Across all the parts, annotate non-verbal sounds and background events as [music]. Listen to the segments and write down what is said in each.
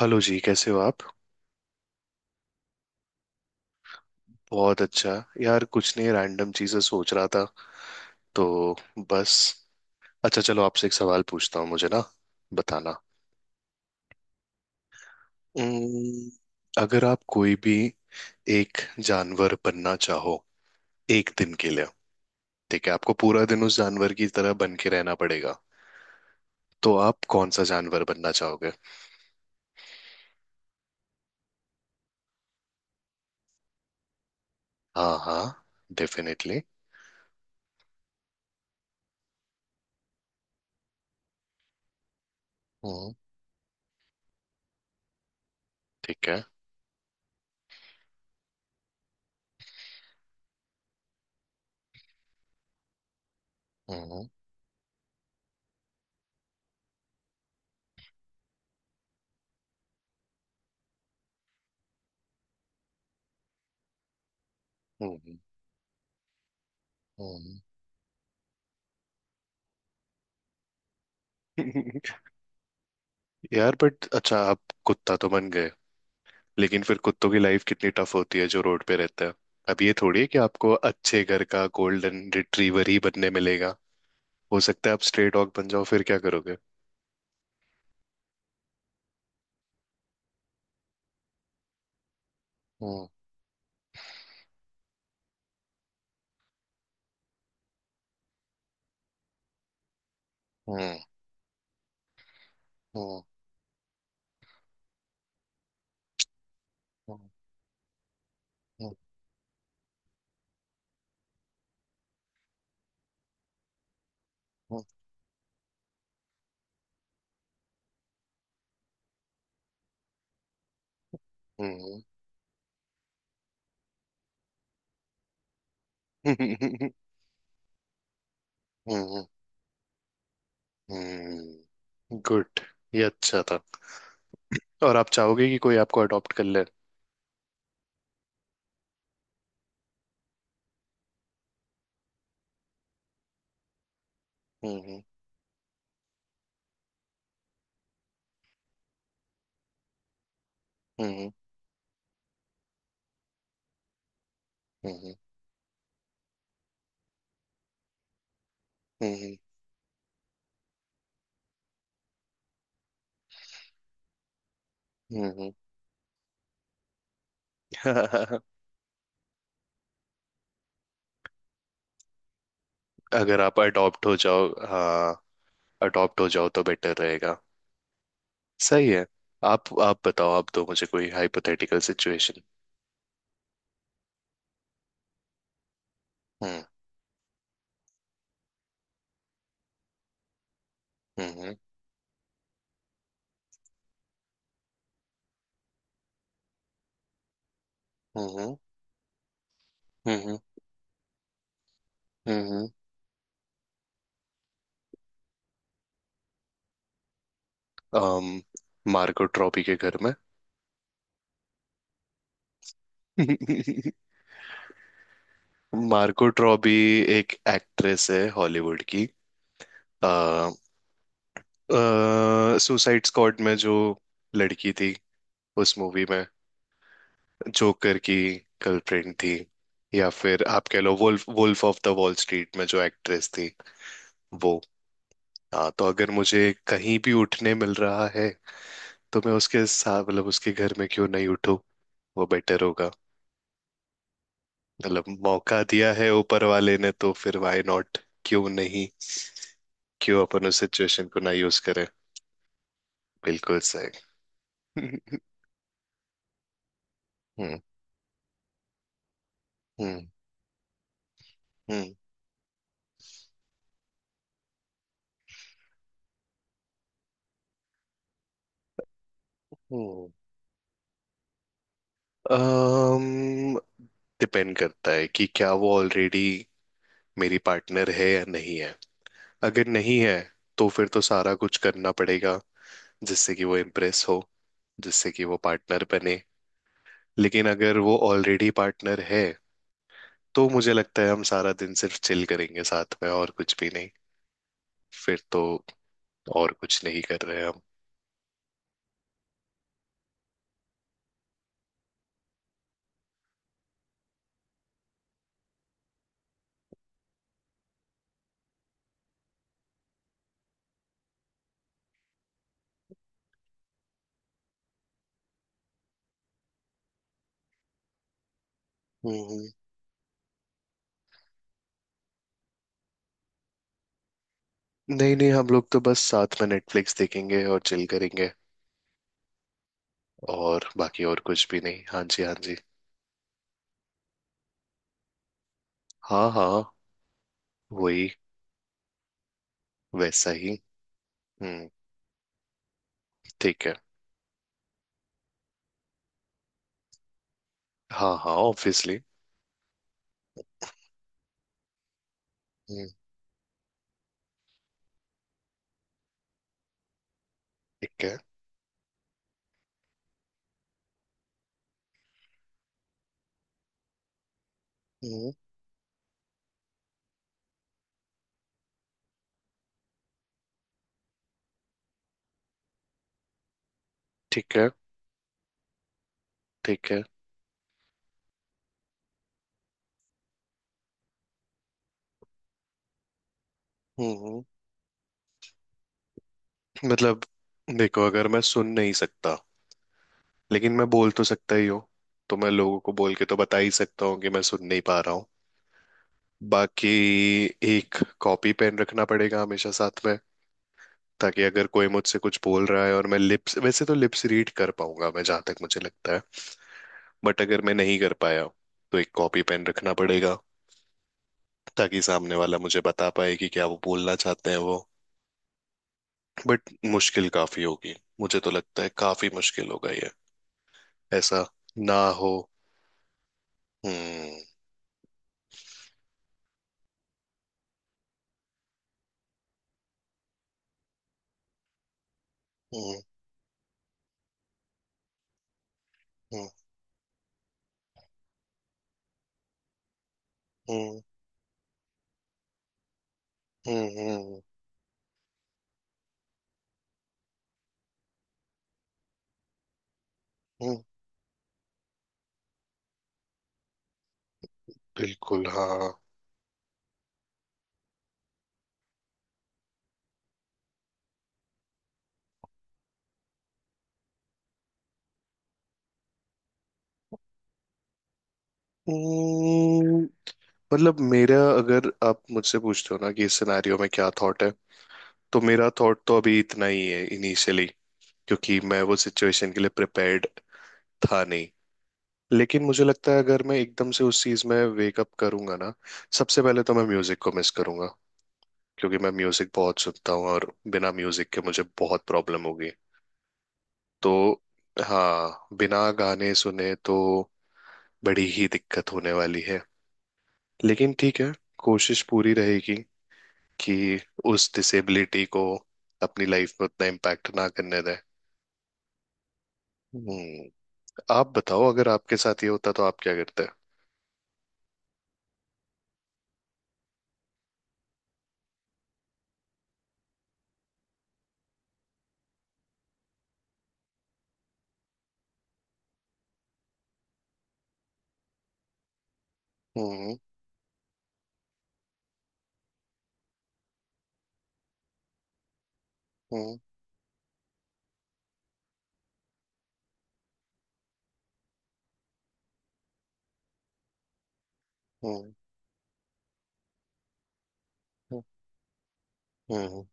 Hello जी कैसे हो आप। बहुत अच्छा। यार कुछ नहीं रैंडम चीजें सोच रहा था। तो बस। अच्छा चलो आपसे एक सवाल पूछता हूँ मुझे ना बताना। उम्म, अगर आप कोई भी एक जानवर बनना चाहो एक दिन के लिए। ठीक है आपको पूरा दिन उस जानवर की तरह बन के रहना पड़ेगा। तो आप कौन सा जानवर बनना चाहोगे? हाँ हाँ। डेफिनेटली। हम्म। ठीक है। हम्म। हम्म। हम्म। [laughs] यार बट अच्छा आप कुत्ता तो बन गए। लेकिन फिर कुत्तों की लाइफ कितनी टफ होती है जो रोड पे रहता है। अब ये थोड़ी है कि आपको अच्छे घर का गोल्डन रिट्रीवर ही बनने मिलेगा। हो सकता है आप स्ट्रे डॉग बन जाओ फिर क्या करोगे? हम्म। हम्म। हम्म। हम्म। हम्म। हम्म। हम्म। हम्म, गुड। ये अच्छा था। और आप चाहोगे कि कोई आपको अडॉप्ट कर ले? हम्म। हम्म। हम्म। हम्म। हम्म। हम्म, हम्म। [laughs] अगर आप अडॉप्ट हो जाओ, हाँ। अडॉप्ट हो जाओ तो बेटर रहेगा। सही है। आप बताओ आप दो मुझे कोई हाइपोथेटिकल सिचुएशन। हम्म। हम्म। हम्म। हम्म। हम्म। um, मार्को ट्रॉबी के घर में। [laughs] मार्को ट्रॉबी एक एक्ट्रेस है हॉलीवुड की। आ, सुसाइड स्क्वाड में जो लड़की थी उस मूवी में जोकर की गर्लफ्रेंड थी। या फिर आप कह लो wolf wolf of the Wall Street में जो एक्ट्रेस थी वो। हाँ तो अगर मुझे कहीं भी उठने मिल रहा है तो मैं उसके साथ मतलब उसके घर में क्यों नहीं उठूं? वो बेटर होगा। मतलब मौका दिया है ऊपर वाले ने तो फिर व्हाई नॉट। क्यों नहीं। क्यों अपन उस सिचुएशन को ना यूज करें। बिल्कुल सही। [laughs] हम्म। हम्म। हम्म। हम्म। um, डिपेंड करता है कि क्या वो ऑलरेडी मेरी पार्टनर है या नहीं है। अगर नहीं है तो फिर तो सारा कुछ करना पड़ेगा, जिससे कि वो इम्प्रेस हो, जिससे कि वो पार्टनर बने। लेकिन अगर वो ऑलरेडी पार्टनर है तो मुझे लगता है हम सारा दिन सिर्फ चिल करेंगे साथ में और कुछ भी नहीं। फिर तो और कुछ नहीं कर रहे हम। हम्म। नहीं नहीं, हम लोग तो बस साथ में नेटफ्लिक्स देखेंगे और चिल करेंगे। और बाकी और कुछ भी नहीं। हाँ जी, हाँ जी। हाँ हाँ। वही। वैसा ही। हम्म। ठीक है। हाँ हाँ ऑब्वियसली। हम्म। ठीक है। हम्म। ठीक है। ठीक है। हम्म। मतलब देखो अगर मैं सुन नहीं सकता लेकिन मैं बोल तो सकता ही हूँ। तो मैं लोगों को बोल के तो बता ही सकता हूँ कि मैं सुन नहीं पा रहा हूँ। बाकी एक कॉपी पेन रखना पड़ेगा हमेशा साथ में। ताकि अगर कोई मुझसे कुछ बोल रहा है और मैं लिप्स, वैसे तो लिप्स रीड कर पाऊंगा मैं जहां तक मुझे लगता है। बट अगर मैं नहीं कर पाया तो एक कॉपी पेन रखना पड़ेगा। ताकि सामने वाला मुझे बता पाए कि क्या वो बोलना चाहते हैं वो। बट मुश्किल काफी होगी। मुझे तो लगता है काफी मुश्किल होगा ये। ऐसा ना हो। हम्म। हम्म। हम्म। हम्म। हम्म। हम्म, बिल्कुल हाँ। हम्म, मतलब मेरा अगर आप मुझसे पूछते हो ना कि इस सिनेरियो में क्या थॉट है, तो मेरा थॉट तो अभी इतना ही है इनिशियली। क्योंकि मैं वो सिचुएशन के लिए प्रिपेयर्ड था नहीं। लेकिन मुझे लगता है अगर मैं एकदम से उस चीज में वेक अप करूंगा ना, सबसे पहले तो मैं म्यूजिक को मिस करूंगा। क्योंकि मैं म्यूजिक बहुत सुनता हूँ और बिना म्यूजिक के मुझे बहुत प्रॉब्लम होगी। तो हाँ बिना गाने सुने तो बड़ी ही दिक्कत होने वाली है। लेकिन ठीक है। कोशिश पूरी रहेगी कि उस डिसेबिलिटी को अपनी लाइफ में उतना इम्पैक्ट ना करने दें। हम्म। आप बताओ अगर आपके साथ ये होता तो आप क्या करते? हम्म। हम्म। हम्म। हम्म।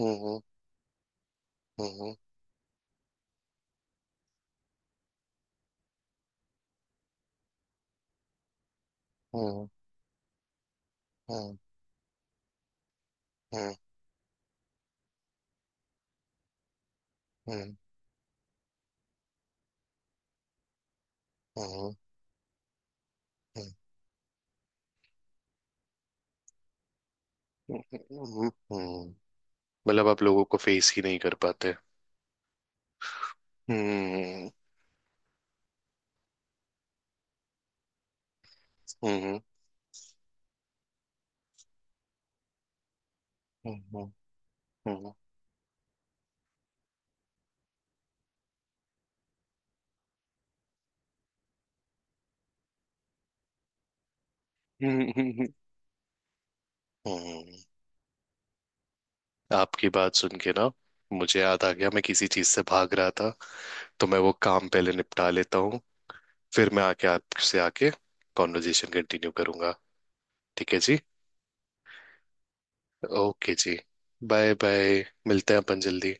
हम्म। हम्म। हम्म। हम्म। हम्म। हम्म। हम्म, हम्म, हम्म। मतलब आप लोगों को फेस ही नहीं कर पाते? हम्म। हम्म। हम्म। हम्म। हम्म। हम्म, हम्म, हम्म। आपकी बात सुन के ना मुझे याद आ गया मैं किसी चीज से भाग रहा था। तो मैं वो काम पहले निपटा लेता हूँ। फिर मैं आके आपसे आके कॉन्वर्जेशन कंटिन्यू करूंगा। ठीक है जी। ओके जी। बाय बाय मिलते हैं अपन जल्दी।